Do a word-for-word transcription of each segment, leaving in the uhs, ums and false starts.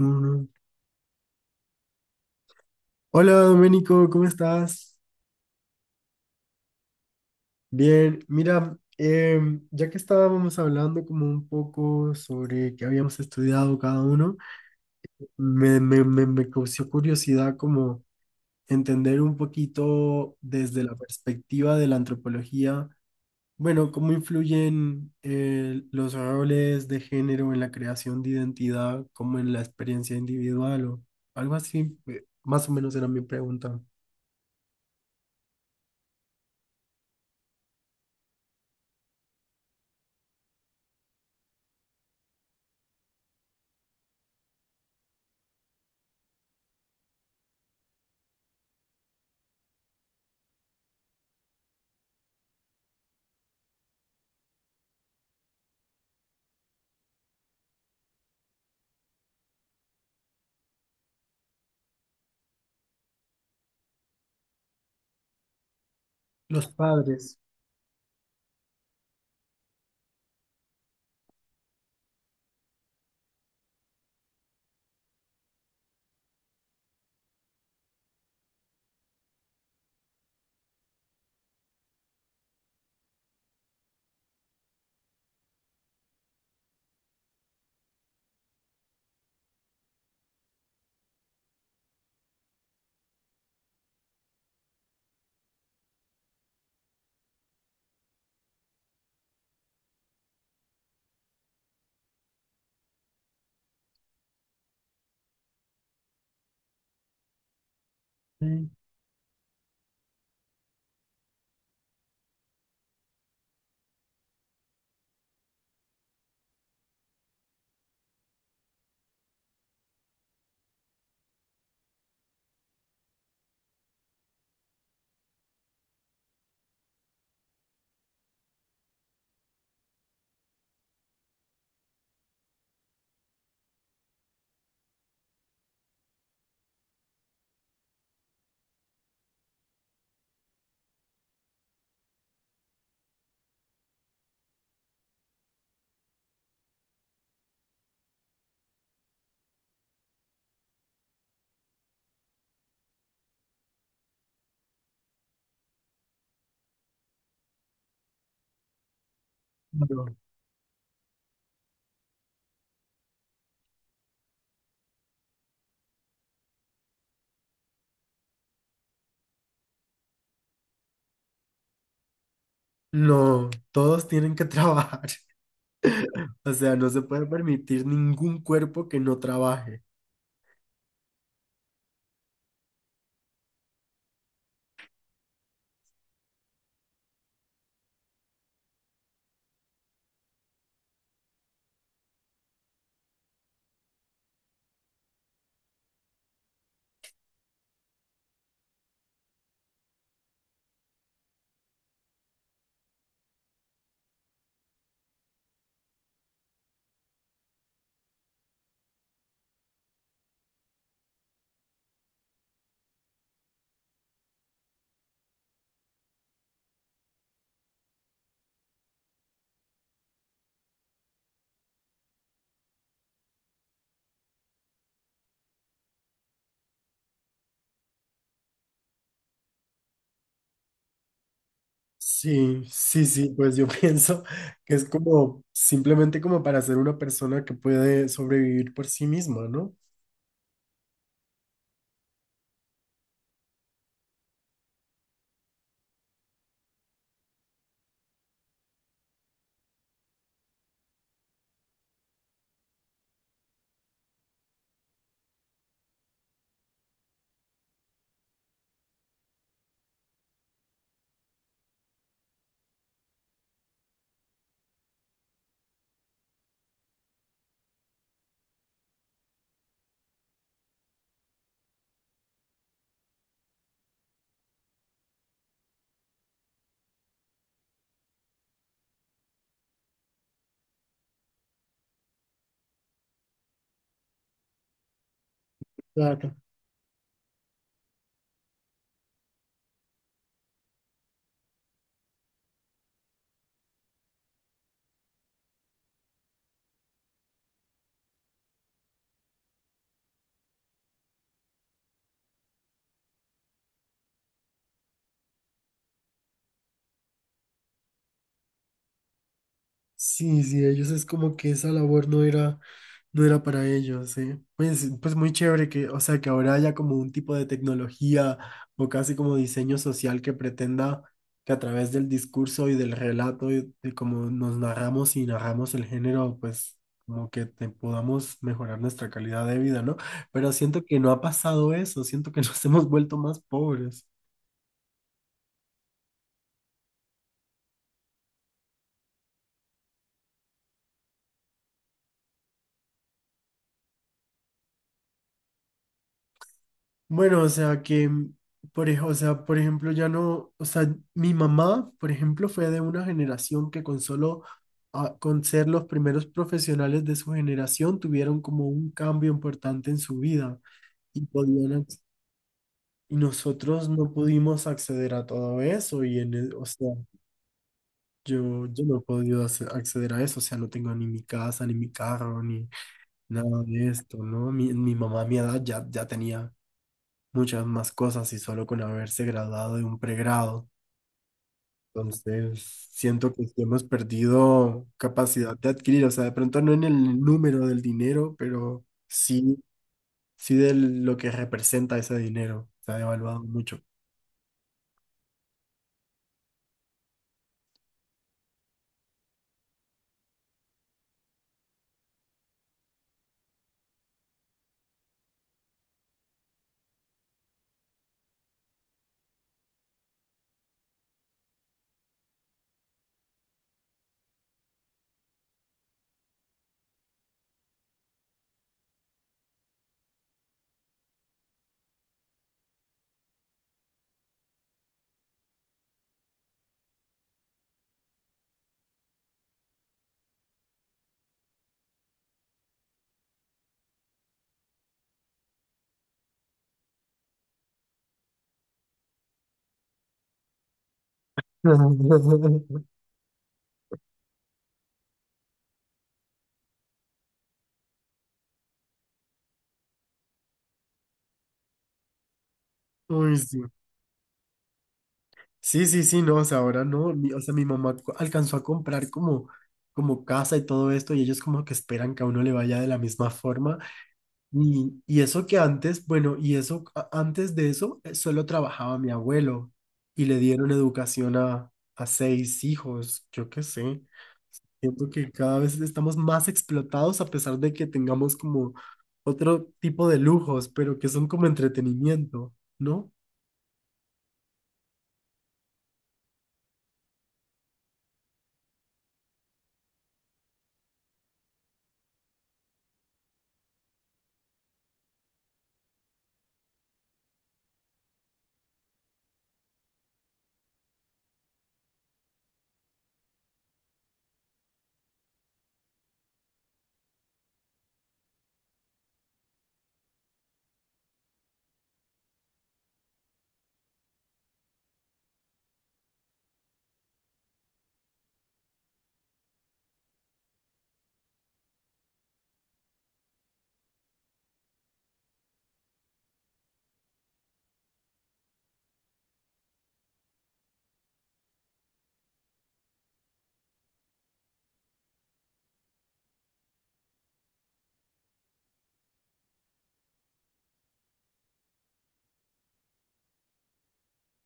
Mm. Hola Doménico, ¿cómo estás? Bien, mira, em, ya que estábamos hablando como un poco sobre qué habíamos estudiado cada uno, me, me, me, me causó curiosidad como entender un poquito desde la perspectiva de la antropología. Bueno, cómo influyen eh, los roles de género en la creación de identidad, como en la experiencia individual o algo así, eh, más o menos era mi pregunta. Los padres. Sí, claro. No, todos tienen que trabajar. O sea, no se puede permitir ningún cuerpo que no trabaje. Sí, sí, sí, pues yo pienso que es como simplemente como para ser una persona que puede sobrevivir por sí misma, ¿no? Claro. Sí, sí, ellos es como que esa labor no era, no era para ellos, eh. Pues, pues muy chévere que, o sea, que ahora haya como un tipo de tecnología o casi como diseño social que pretenda que a través del discurso y del relato y de cómo nos narramos y narramos el género, pues como que te- podamos mejorar nuestra calidad de vida, ¿no? Pero siento que no ha pasado eso, siento que nos hemos vuelto más pobres. Bueno, o sea que, por, ej- o sea, por ejemplo, ya no, o sea, mi mamá, por ejemplo, fue de una generación que con solo, ah, con ser los primeros profesionales de su generación, tuvieron como un cambio importante en su vida y podían, ac- y nosotros no pudimos acceder a todo eso y en el, o sea, yo, yo no he podido ace- acceder a eso, o sea, no tengo ni mi casa, ni mi carro, ni nada de esto, ¿no? Mi, mi mamá a mi edad ya, ya tenía muchas más cosas y solo con haberse graduado de un pregrado. Entonces, siento que sí hemos perdido capacidad de adquirir, o sea, de pronto no en el número del dinero, pero sí, sí de lo que representa ese dinero. Se ha devaluado mucho. Uy, sí. Sí, sí, sí, no, o sea, ahora no, mi- o sea, mi mamá co- alcanzó a comprar como, como casa y todo esto y ellos como que esperan que a uno le vaya de la misma forma. Y, y eso que antes, bueno, y eso a- antes de eso eh, solo trabajaba mi abuelo y le dieron educación a, a seis hijos, yo qué sé. Siento que cada vez estamos más explotados a pesar de que tengamos como otro tipo de lujos, pero que son como entretenimiento, ¿no?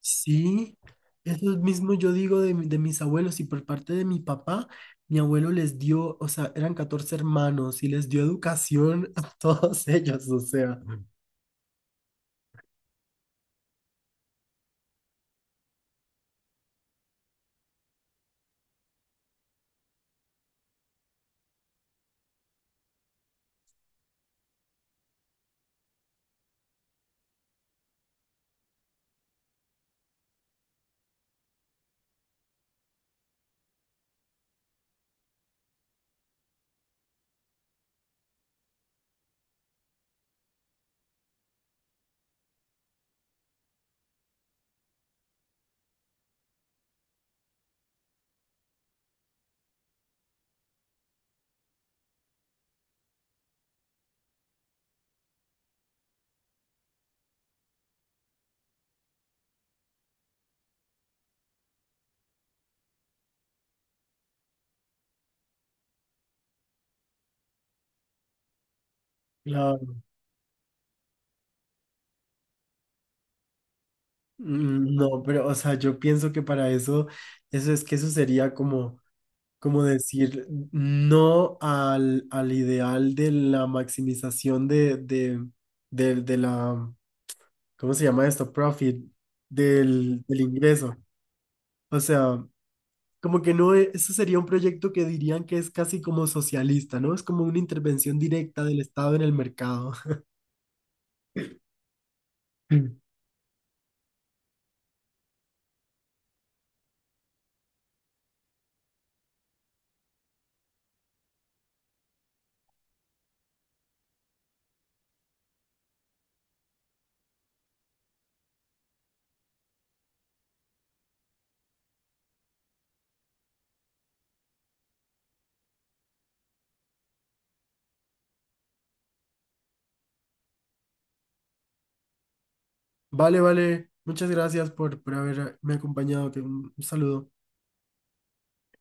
Sí, eso mismo yo digo de, mi- de mis abuelos y por parte de mi papá, mi abuelo les dio, o sea, eran catorce hermanos y les dio educación a todos ellos, o sea. Claro. Mm, no, pero, o sea, yo pienso que para eso, eso es que eso sería como, como decir no al, al ideal de la maximización de, de, del- de la, ¿cómo se llama esto? Profit, del, del ingreso. O sea, como que no, e- eso sería un proyecto que dirían que es casi como socialista, ¿no? Es como una intervención directa del Estado en el mercado. Vale, vale. Muchas gracias por, por haberme acompañado. Te- Un un saludo.